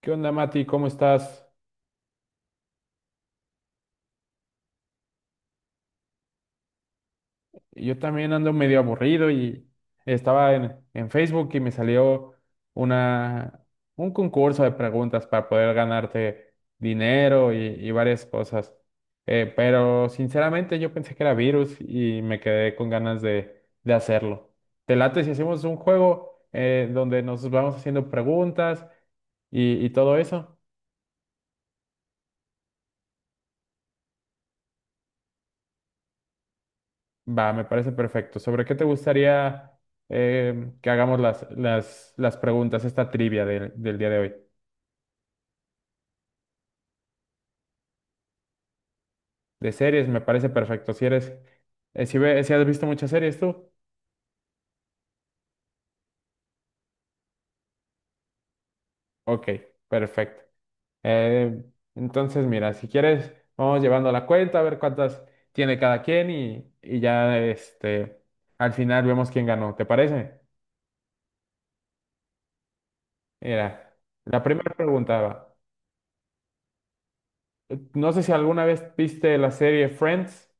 ¿Qué onda, Mati? ¿Cómo estás? Yo también ando medio aburrido y estaba en Facebook y me salió una, un concurso de preguntas para poder ganarte dinero y varias cosas. Pero sinceramente yo pensé que era virus y me quedé con ganas de hacerlo. ¿Te late si hacemos un juego donde nos vamos haciendo preguntas y todo eso? Va, me parece perfecto. ¿Sobre qué te gustaría que hagamos las preguntas, esta trivia del día de hoy? De series, me parece perfecto. Si eres, si has visto muchas series tú, ok, perfecto. Eh, entonces, mira, si quieres, vamos llevando la cuenta a ver cuántas tiene cada quien y ya este, al final vemos quién ganó. ¿Te parece? Mira, la primera pregunta va. No sé si alguna vez viste la serie Friends.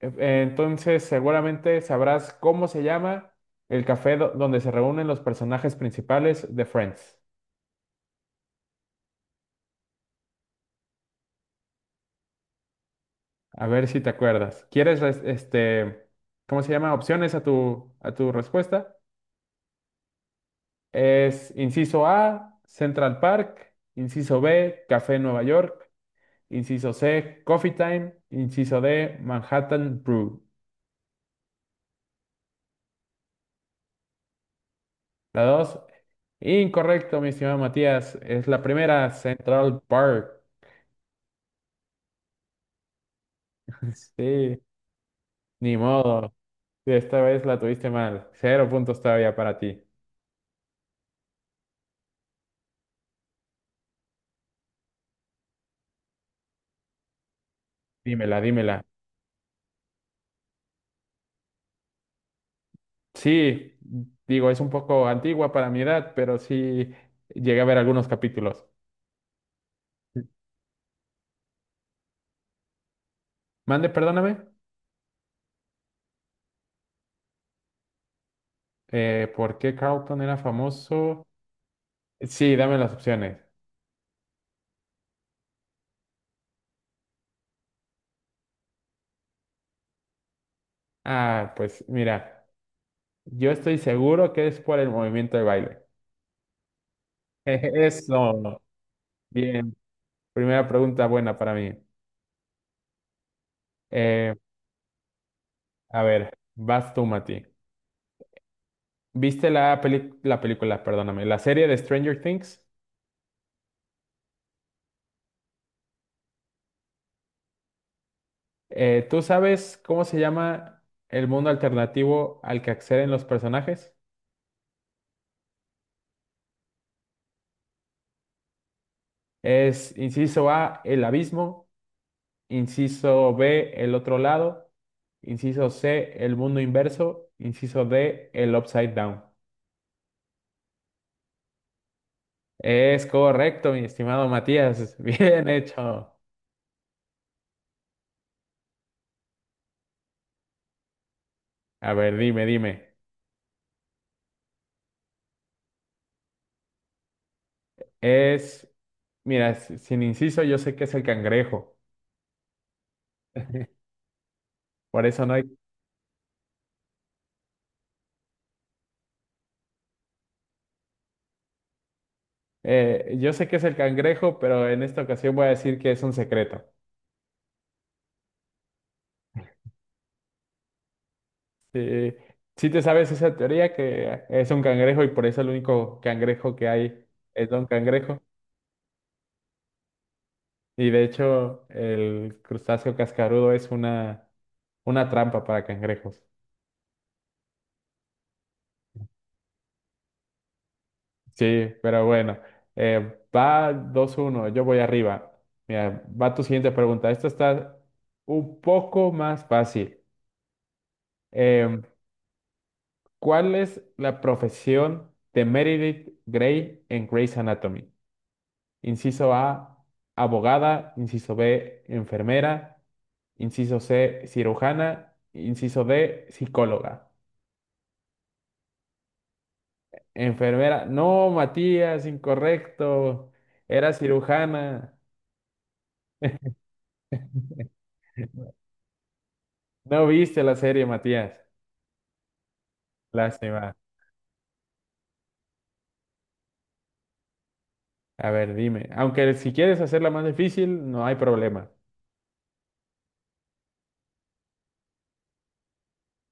Entonces, seguramente sabrás cómo se llama el café donde se reúnen los personajes principales de Friends. A ver si te acuerdas. ¿Quieres, cómo se llama? Opciones a a tu respuesta. Es inciso A, Central Park. Inciso B, Café Nueva York. Inciso C, Coffee Time. Inciso D, Manhattan Brew. La dos, incorrecto, mi estimado Matías. Es la primera, Central Park. Sí, ni modo. Sí, esta vez la tuviste mal. Cero puntos todavía para ti. Dímela, dímela. Sí, digo, es un poco antigua para mi edad, pero sí llegué a ver algunos capítulos. Mande, perdóname. ¿Por qué Carlton era famoso? Sí, dame las opciones. Ah, pues mira, yo estoy seguro que es por el movimiento de baile. Eso. Bien. Primera pregunta buena para mí. Eh, a ver, vas tú, Mati. ¿Viste la película, perdóname, la serie de Stranger Things? ¿Tú sabes cómo se llama el mundo alternativo al que acceden los personajes? Es inciso A, el abismo; inciso B, el otro lado; inciso C, el mundo inverso; inciso D, el upside down. Es correcto, mi estimado Matías, bien hecho. A ver, dime, dime. Es, mira, sin inciso yo sé que es el cangrejo. Por eso no hay. Yo sé que es el cangrejo, pero en esta ocasión voy a decir que es un secreto. Sí, sí te sabes esa teoría que es un cangrejo y por eso el único cangrejo que hay es Don Cangrejo. Y de hecho, el crustáceo cascarudo es una trampa para cangrejos. Sí, pero bueno, va dos uno, yo voy arriba. Mira, va tu siguiente pregunta. Esta está un poco más fácil. Em, ¿Cuál es la profesión de Meredith Grey en Grey's Anatomy? Inciso A, abogada. Inciso B, enfermera. Inciso C, cirujana. Inciso D, psicóloga. Enfermera. No, Matías, incorrecto. Era cirujana. No viste la serie, Matías. Lástima. A ver, dime. Aunque si quieres hacerla más difícil, no hay problema.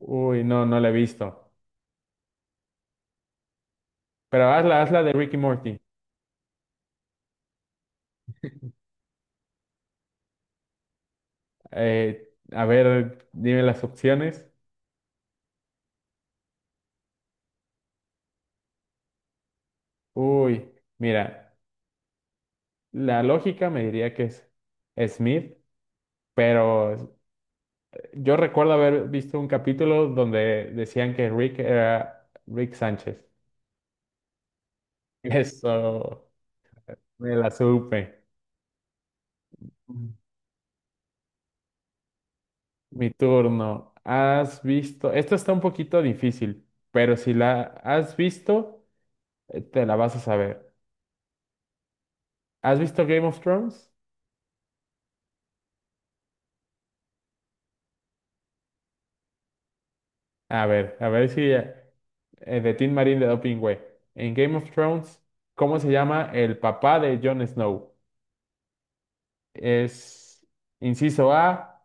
Uy, no, no la he visto. Pero hazla, hazla de Ricky Morty. A ver, dime las opciones. Uy, mira. La lógica me diría que es Smith, pero yo recuerdo haber visto un capítulo donde decían que Rick era Rick Sánchez. Eso me la supe. Mi turno. ¿Has visto? Esto está un poquito difícil, pero si la has visto, te la vas a saber. ¿Has visto Game of Thrones? A ver si de Tim Marín de Doping Way. En Game of Thrones, ¿cómo se llama el papá de Jon Snow? Es inciso A,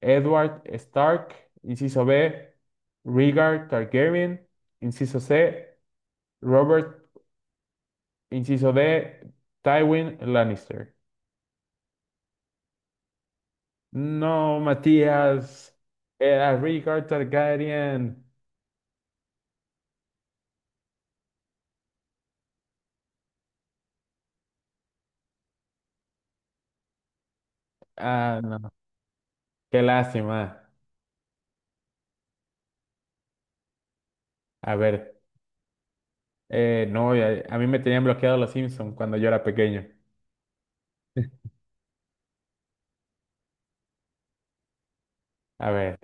Edward Stark. Inciso B, Rhaegar Targaryen. Inciso C, Robert. Inciso D, Tywin Lannister. No, Matías, era Rhaegar Targaryen. Ah, no, no. Qué lástima. A ver, no, a mí me tenían bloqueado los Simpsons cuando yo era pequeño. A ver,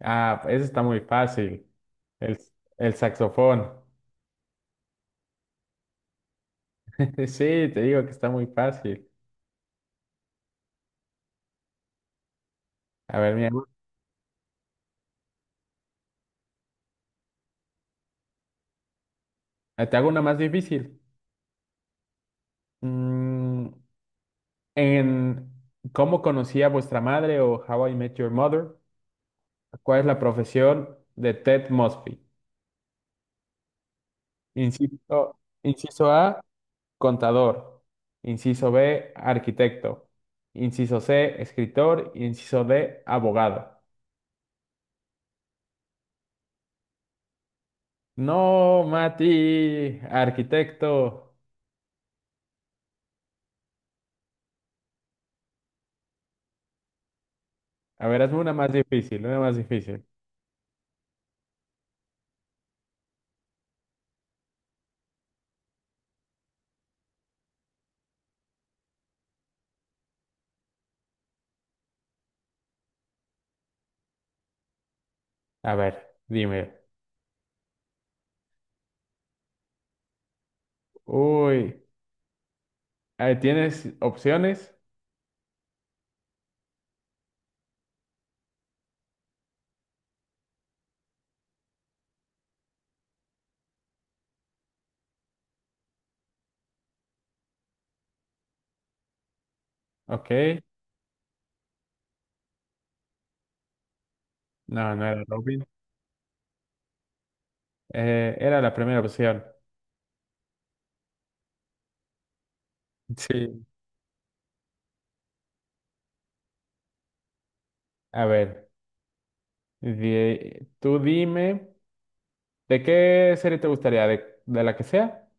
ah, eso está muy fácil. El, el saxofón. Sí, te digo que está muy fácil. A ver, mira, te hago una más difícil. Mm, en ¿Cómo conocí a vuestra madre o How I Met Your Mother? ¿Cuál es la profesión de Ted Mosby? Inciso, inciso A, contador. Inciso B, arquitecto. Inciso C, escritor. Inciso D, abogado. No, Mati, arquitecto. A ver, hazme una más difícil, una más difícil. A ver, dime. Uy, ¿tienes opciones? Ok. No, no era Robin. Era la primera opción. Sí. A ver, tú dime, ¿de qué serie te gustaría? De la que sea?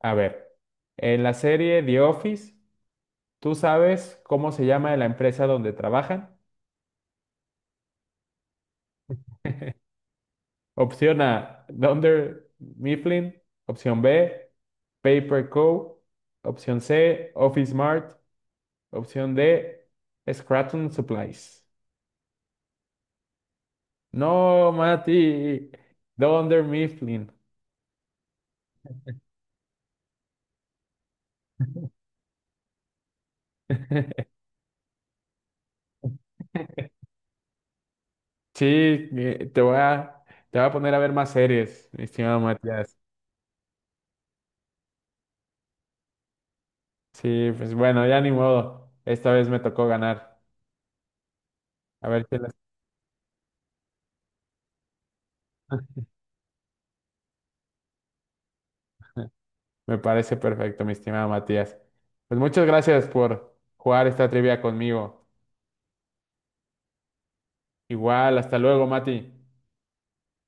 A ver, en la serie The Office, ¿tú sabes cómo se llama la empresa donde trabajan? Opción A, Dunder Mifflin. Opción B, Paper Co. Opción C, Office Mart. Opción D, Scranton Supplies. No, Mati, Dunder Mifflin. Sí, te voy a poner a ver más series, mi estimado Matías. Sí, pues bueno, ya ni modo. Esta vez me tocó ganar. A ver si las- me parece perfecto, mi estimado Matías. Pues muchas gracias por jugar esta trivia conmigo. Igual, hasta luego, Mati.